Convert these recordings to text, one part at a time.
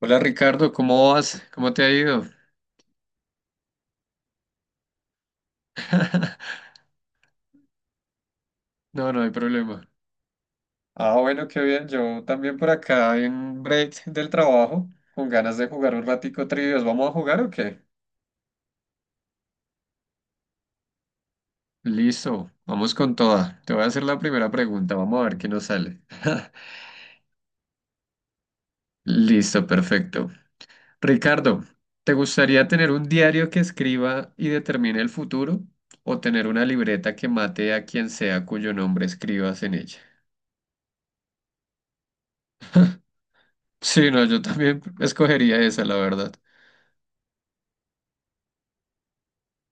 Hola Ricardo, ¿cómo vas? ¿Cómo te ha ido? No, no hay problema. Ah, bueno, qué bien. Yo también por acá en break del trabajo, con ganas de jugar un ratico trivias. ¿Vamos a jugar o qué? Listo, vamos con toda. Te voy a hacer la primera pregunta, vamos a ver qué nos sale. Listo, perfecto. Ricardo, ¿te gustaría tener un diario que escriba y determine el futuro o tener una libreta que mate a quien sea cuyo nombre escribas en ella? Sí, no, yo también escogería esa, la verdad.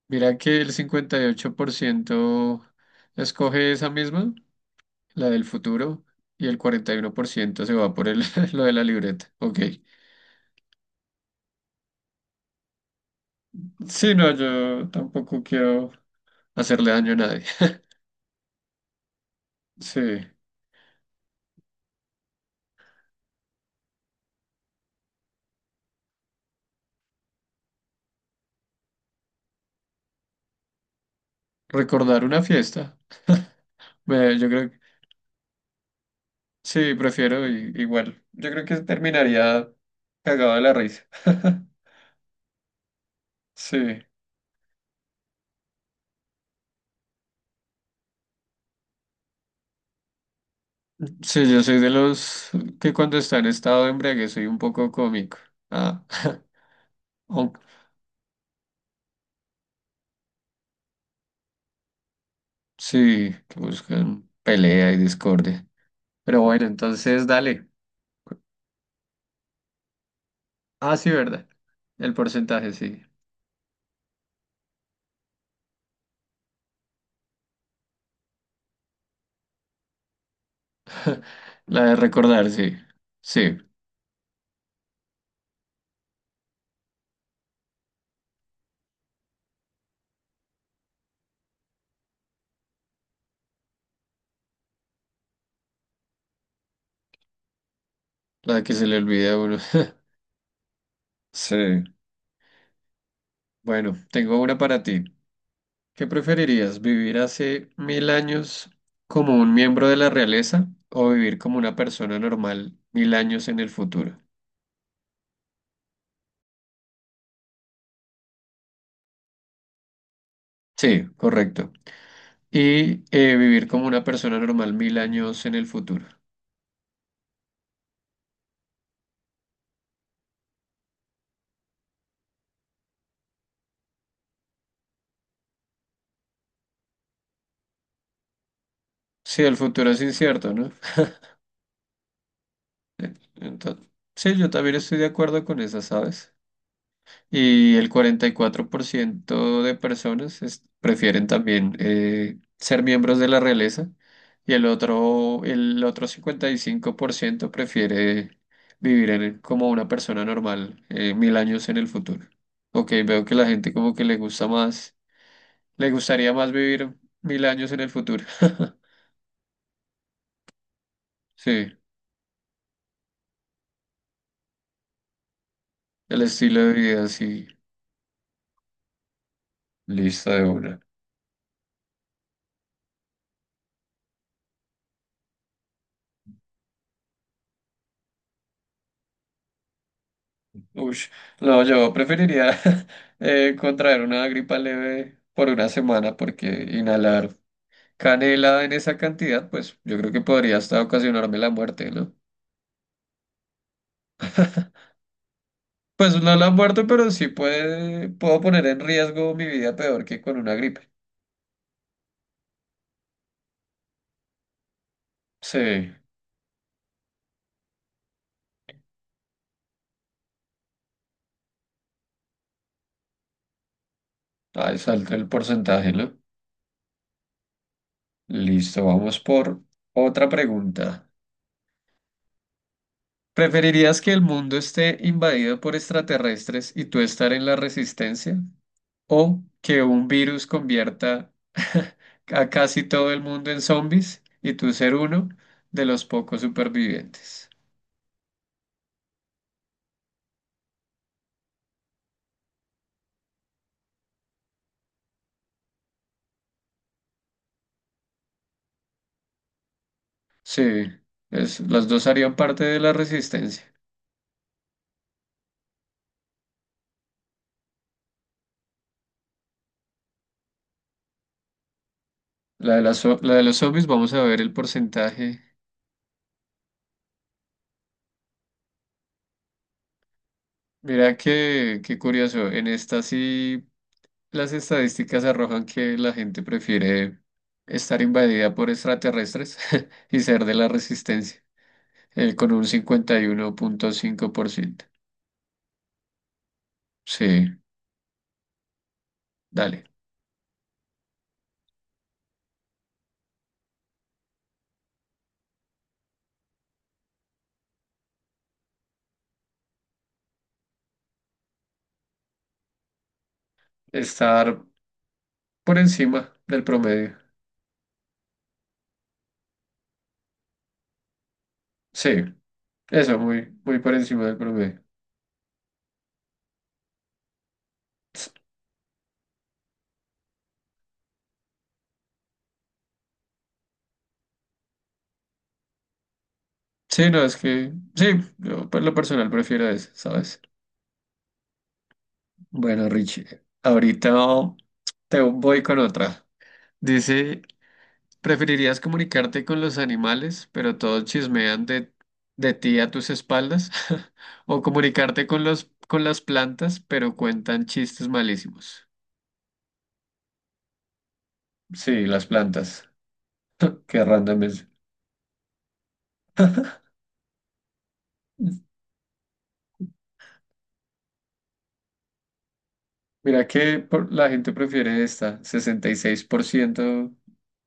Mira que el 58% escoge esa misma, la del futuro, y el 41% se va por el, lo de la libreta. Ok. Sí, no, yo tampoco quiero hacerle daño a nadie. Sí, recordar una fiesta. Yo creo que sí, prefiero igual. Yo creo que terminaría cagado de la risa. Sí, sí, yo soy de los que cuando está en estado de embriaguez soy un poco cómico. Ah. Sí, que buscan pelea y discordia. Pero bueno, entonces dale. Ah, sí, ¿verdad? El porcentaje, sí. La de recordar, sí. Sí, la de que se le olvida a uno. Sí. Bueno, tengo una para ti. ¿Qué preferirías, vivir hace 1.000 años como un miembro de la realeza o vivir como una persona normal 1.000 años en el futuro? Sí, correcto. Y vivir como una persona normal mil años en el futuro. Sí, el futuro es incierto, ¿no? Entonces, sí, yo también estoy de acuerdo con esa, ¿sabes? Y el 44% de personas prefieren también ser miembros de la realeza y el otro 55% prefiere vivir como una persona normal 1.000 años en el futuro. Ok, veo que la gente como que le gusta más, le gustaría más vivir 1.000 años en el futuro. Sí, el estilo de vida, sí, lista de una. Uy, no, yo preferiría contraer una gripa leve por una semana porque inhalar canela en esa cantidad, pues yo creo que podría hasta ocasionarme la muerte, ¿no? Pues no la muerte, pero sí puedo poner en riesgo mi vida peor que con una gripe. Sí, ahí salta el porcentaje, ¿no? Listo, vamos por otra pregunta. ¿Preferirías que el mundo esté invadido por extraterrestres y tú estar en la resistencia, o que un virus convierta a casi todo el mundo en zombies y tú ser uno de los pocos supervivientes? Sí, las dos harían parte de la resistencia. La de los zombies, vamos a ver el porcentaje. Mira que, qué curioso, en esta sí las estadísticas arrojan que la gente prefiere estar invadida por extraterrestres y ser de la resistencia, con un 51,5%. Sí, dale. Estar por encima del promedio. Sí, eso, muy, muy por encima del promedio. Sí, no, es que, sí, yo por lo personal prefiero eso, ¿sabes? Bueno, Richie, ahorita te voy con otra. Dice, ¿preferirías comunicarte con los animales, pero todos chismean de ti a tus espaldas? ¿O comunicarte con los, con las plantas, pero cuentan chistes malísimos? Sí, las plantas. Qué random es. Mira que la gente prefiere esta, 66%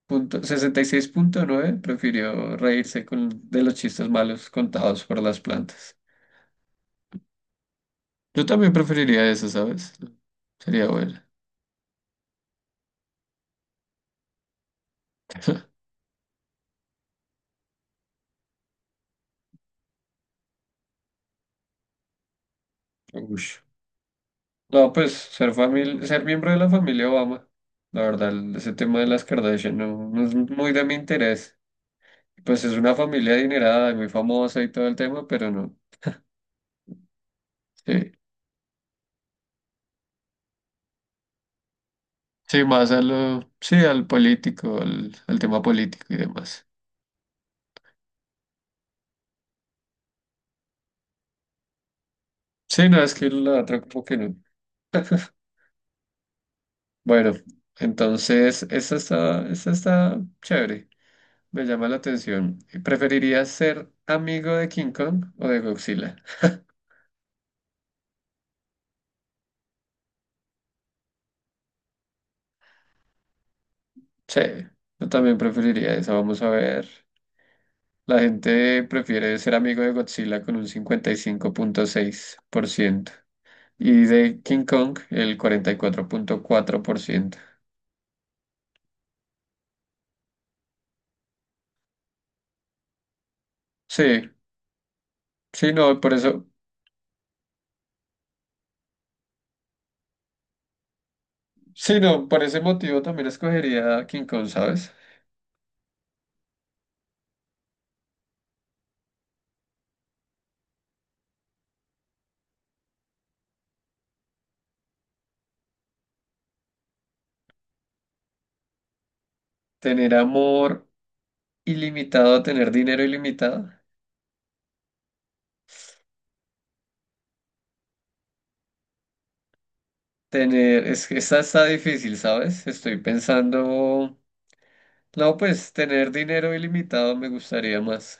punto, 66,9 prefirió reírse de los chistes malos contados por las plantas. Yo también preferiría eso, ¿sabes? Sería bueno. Ush. No, pues ser miembro de la familia Obama. La verdad, ese tema de las Kardashian no es muy de mi interés. Pues es una familia adinerada y muy famosa y todo el tema, pero no. Sí, sí, más a lo, sí, al político, al tema político y demás. Sí, no, es que la otra como que no. Bueno, entonces, esta está chévere. Me llama la atención. ¿Preferirías ser amigo de King Kong o de Godzilla? Sí, yo también preferiría esa. Vamos a ver. La gente prefiere ser amigo de Godzilla con un 55,6% y de King Kong el cuarenta y cuatro 4,4%. Sí, sí, no, por eso, sí, no, por ese motivo también escogería King Kong, ¿sabes? Tener amor ilimitado, tener dinero ilimitado. Es que esa está difícil, ¿sabes? Estoy pensando, no, pues tener dinero ilimitado me gustaría más.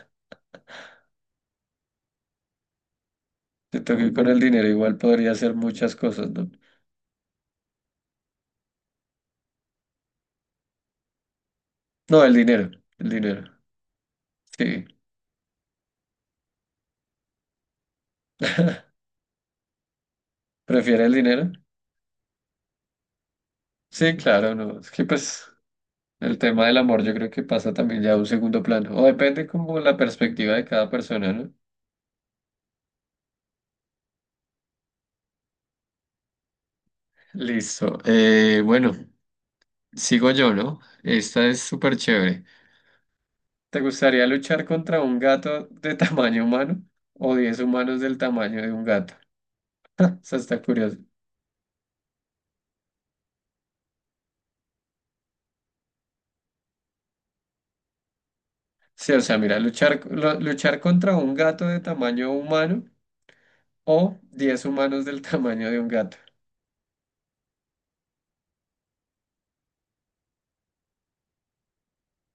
Siento que con el dinero igual podría hacer muchas cosas, ¿no? No, el dinero, el dinero. Sí. ¿Prefiere el dinero? Sí, claro, no. Es que pues el tema del amor yo creo que pasa también ya a un segundo plano. O depende como la perspectiva de cada persona, ¿no? Listo. Bueno. Sigo yo, ¿no? Esta es súper chévere. ¿Te gustaría luchar contra un gato de tamaño humano o 10 humanos del tamaño de un gato? Eso está curioso. Sí, o sea, mira, luchar contra un gato de tamaño humano o 10 humanos del tamaño de un gato.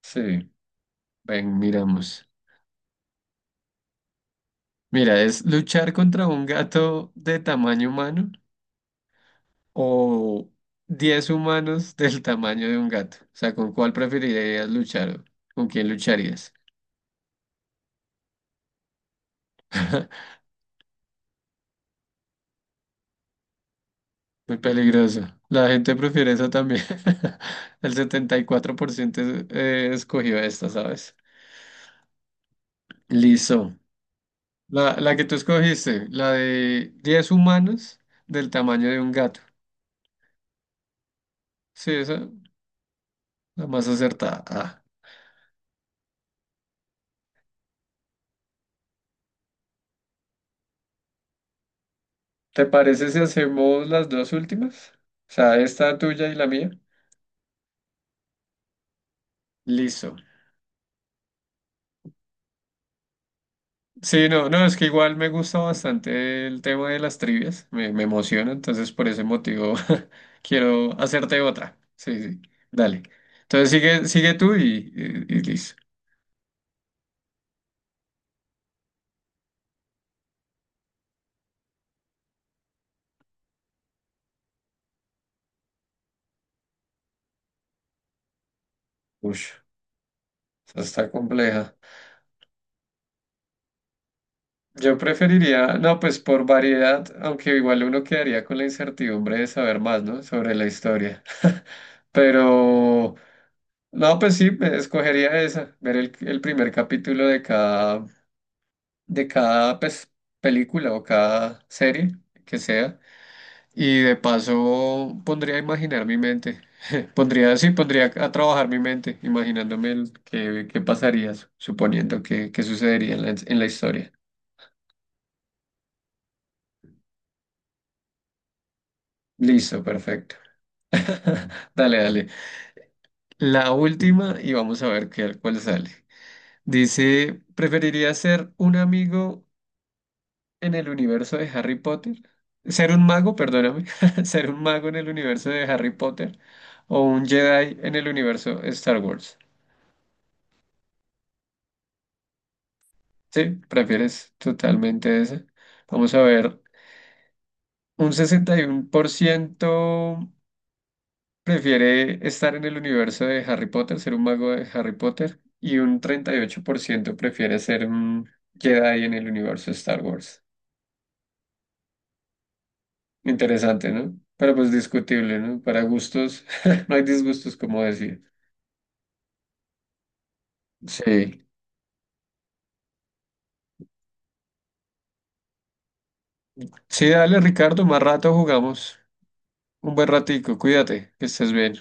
Sí, ven, miramos. Mira, es luchar contra un gato de tamaño humano o 10 humanos del tamaño de un gato. O sea, ¿con cuál preferirías luchar? ¿O con quién lucharías? Muy peligroso. La gente prefiere eso también. El 74% escogió esta, ¿sabes? Listo. La que tú escogiste, la de 10 humanos del tamaño de un gato. Sí, esa, la más acertada. Ah. ¿Te parece si hacemos las dos últimas? O sea, esta tuya y la mía. Listo. Sí, no, no, es que igual me gusta bastante el tema de las trivias, me emociona, entonces por ese motivo quiero hacerte otra. Sí, sí, dale. Entonces sigue tú y listo. Uy, está compleja. Yo preferiría, no, pues por variedad, aunque igual uno quedaría con la incertidumbre de saber más, ¿no? Sobre la historia. Pero, no, pues sí, me escogería esa, ver el primer capítulo de cada, pues, película o cada serie que sea. Y de paso pondría a imaginar mi mente. Pondría, sí, pondría a trabajar mi mente, imaginándome el, qué pasaría, suponiendo que, qué sucedería en la historia. Listo, perfecto. Dale, dale. La última y vamos a ver cuál sale. Dice, ¿preferiría ser un amigo en el universo de Harry Potter? Ser un mago, perdóname. Ser un mago en el universo de Harry Potter o un Jedi en el universo Star Wars. Sí, prefieres totalmente ese. Vamos a ver, un 61% prefiere estar en el universo de Harry Potter, ser un mago de Harry Potter, y un 38% prefiere ser un Jedi en el universo de Star Wars. Interesante, ¿no? Pero pues discutible, ¿no? Para gustos, no hay disgustos, como decía. Sí. Sí, dale, Ricardo, más rato jugamos. Un buen ratico, cuídate, que estés bien.